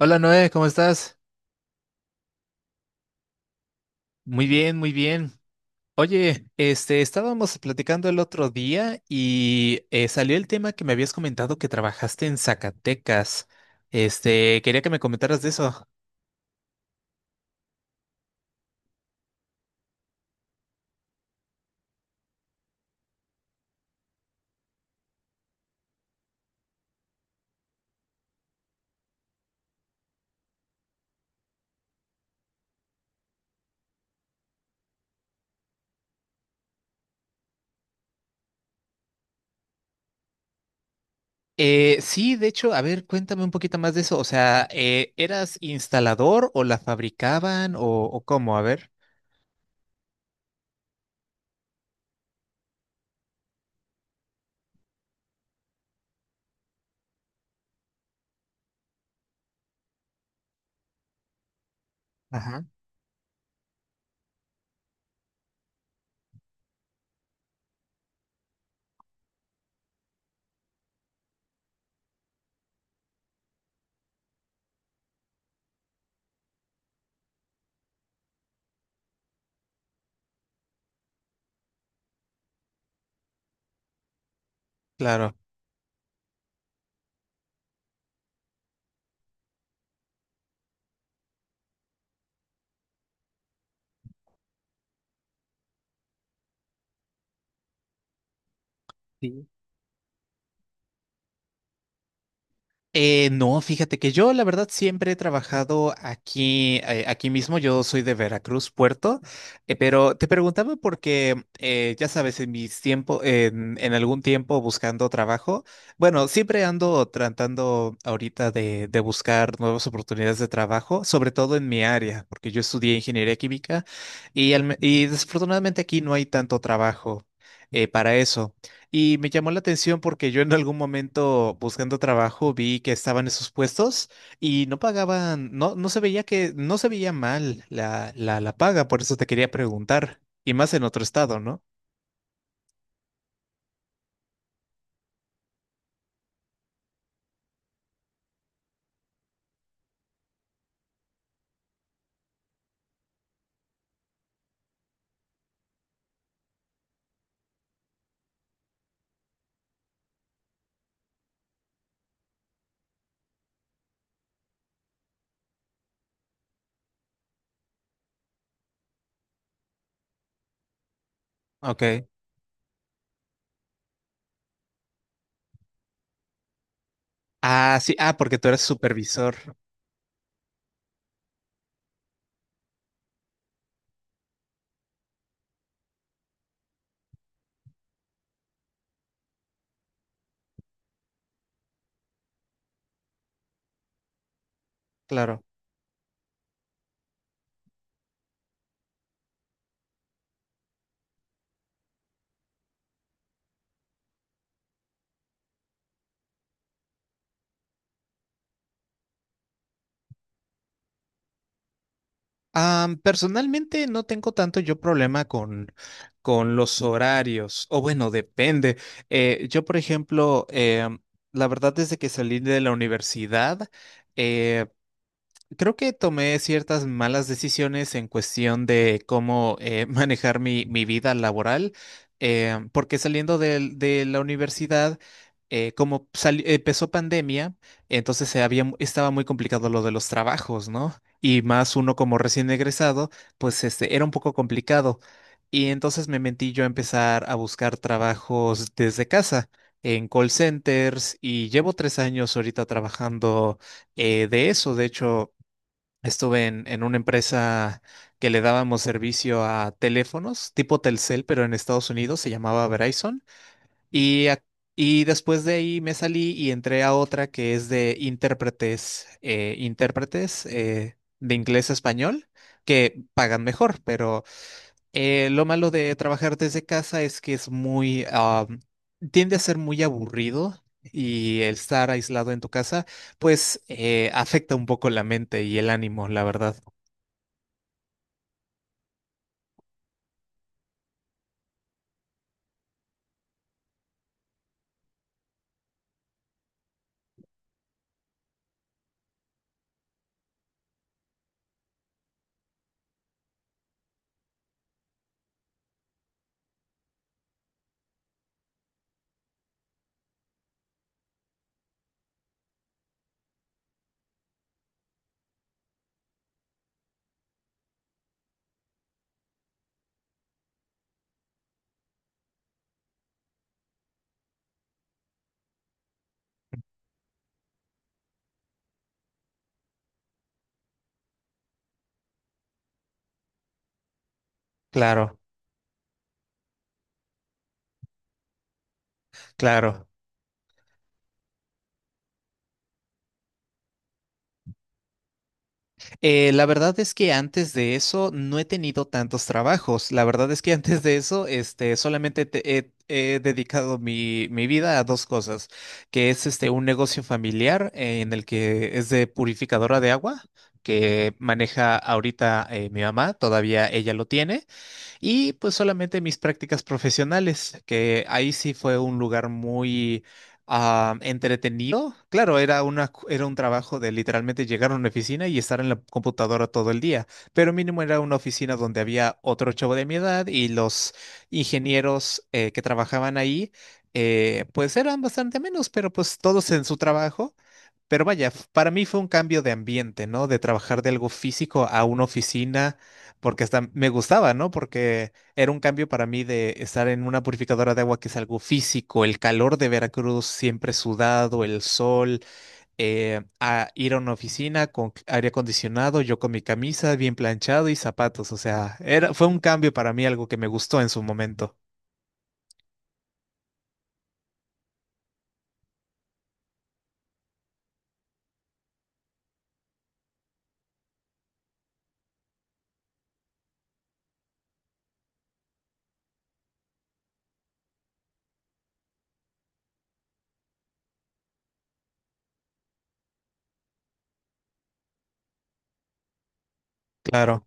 Hola Noé, ¿cómo estás? Muy bien, muy bien. Oye, este, estábamos platicando el otro día y salió el tema que me habías comentado que trabajaste en Zacatecas. Este, quería que me comentaras de eso. Sí, de hecho, a ver, cuéntame un poquito más de eso. O sea, ¿eras instalador o la fabricaban o cómo? A ver. Ajá. Claro. No, fíjate que yo la verdad siempre he trabajado aquí, aquí mismo. Yo soy de Veracruz, Puerto, pero te preguntaba porque ya sabes, en mis tiempos, en algún tiempo buscando trabajo, bueno, siempre ando tratando ahorita de buscar nuevas oportunidades de trabajo, sobre todo en mi área, porque yo estudié ingeniería química y, al y desafortunadamente aquí no hay tanto trabajo para eso. Y me llamó la atención porque yo en algún momento buscando trabajo vi que estaban esos puestos y no pagaban, no, no se veía que, no se veía mal la paga, por eso te quería preguntar. Y más en otro estado, ¿no? Ok. Ah, sí, ah, porque tú eres supervisor. Claro. Ah, personalmente no tengo tanto yo problema con los horarios. O bueno, depende. Yo, por ejemplo, la verdad, desde que salí de la universidad, eh, creo que tomé ciertas malas decisiones en cuestión de cómo manejar mi vida laboral, porque saliendo la universidad, como empezó pandemia, entonces se había, estaba muy complicado lo de los trabajos, ¿no? Y más uno como recién egresado, pues este, era un poco complicado. Y entonces me mentí yo a empezar a buscar trabajos desde casa, en call centers, y llevo 3 años ahorita trabajando de eso. De hecho, estuve en una empresa que le dábamos servicio a teléfonos tipo Telcel, pero en Estados Unidos se llamaba Verizon. Y, ac- y después de ahí me salí y entré a otra que es de intérpretes, intérpretes de inglés a español, que pagan mejor, pero lo malo de trabajar desde casa es que es muy, ah, tiende a ser muy aburrido. Y el estar aislado en tu casa, pues afecta un poco la mente y el ánimo, la verdad. Claro, claro. La verdad es que antes de eso no he tenido tantos trabajos. La verdad es que antes de eso, este, solamente he, he dedicado mi vida a dos cosas, que es este un negocio familiar en el que es de purificadora de agua, que maneja ahorita mi mamá, todavía ella lo tiene. Y pues solamente mis prácticas profesionales, que ahí sí fue un lugar muy ah, entretenido. Claro, era una, era un trabajo de literalmente llegar a una oficina y estar en la computadora todo el día, pero mínimo era una oficina donde había otro chavo de mi edad y los ingenieros que trabajaban ahí, pues eran bastante menos, pero pues todos en su trabajo. Pero vaya, para mí fue un cambio de ambiente, ¿no? De trabajar de algo físico a una oficina, porque hasta me gustaba, ¿no? Porque era un cambio para mí de estar en una purificadora de agua que es algo físico, el calor de Veracruz siempre sudado, el sol, a ir a una oficina con aire acondicionado, yo con mi camisa bien planchado y zapatos, o sea, era, fue un cambio para mí, algo que me gustó en su momento. Claro,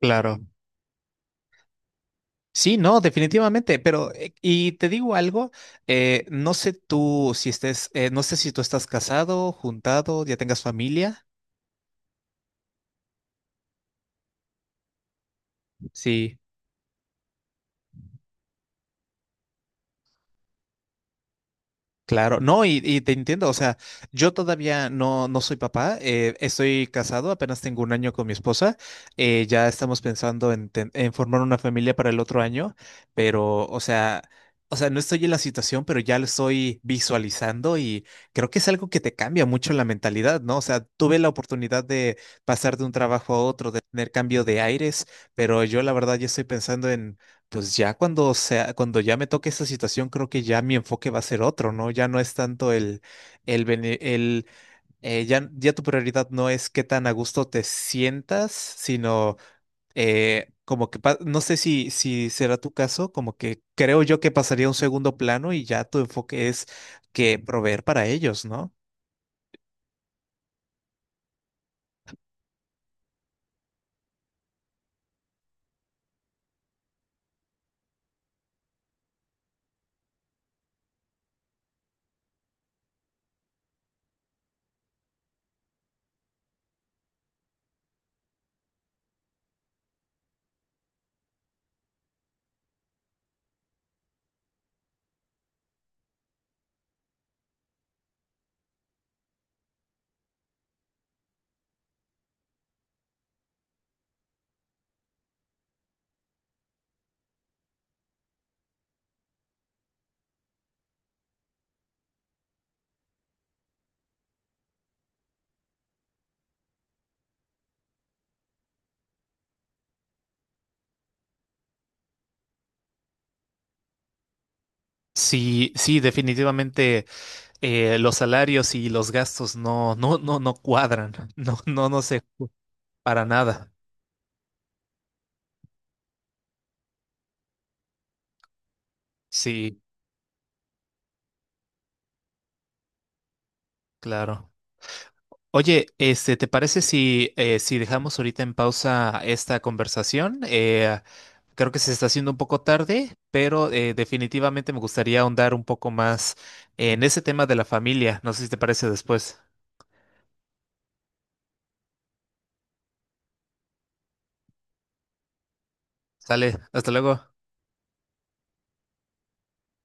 claro. Sí, no, definitivamente, pero y te digo algo, no sé tú si estés, no sé si tú estás casado, juntado, ya tengas familia, sí. Claro, no, y te entiendo, o sea, yo todavía no, no soy papá, estoy casado, apenas tengo 1 año con mi esposa, ya estamos pensando en, en formar una familia para el otro año, pero, o sea, no estoy en la situación, pero ya lo estoy visualizando y creo que es algo que te cambia mucho la mentalidad, ¿no? O sea, tuve la oportunidad de pasar de un trabajo a otro, de tener cambio de aires, pero yo la verdad ya estoy pensando en pues ya cuando sea, cuando ya me toque esa situación, creo que ya mi enfoque va a ser otro, ¿no? Ya no es tanto el, el ya, ya tu prioridad no es qué tan a gusto te sientas, sino como que, no sé si, si será tu caso, como que creo yo que pasaría a un segundo plano y ya tu enfoque es que proveer para ellos, ¿no? Sí, sí, definitivamente los salarios y los gastos no, no, no, no cuadran, no, no, no sé, para nada. Sí. Claro. Oye, este, ¿te parece si, si dejamos ahorita en pausa esta conversación? Creo que se está haciendo un poco tarde, pero definitivamente me gustaría ahondar un poco más en ese tema de la familia. No sé si te parece después. Sale, hasta luego.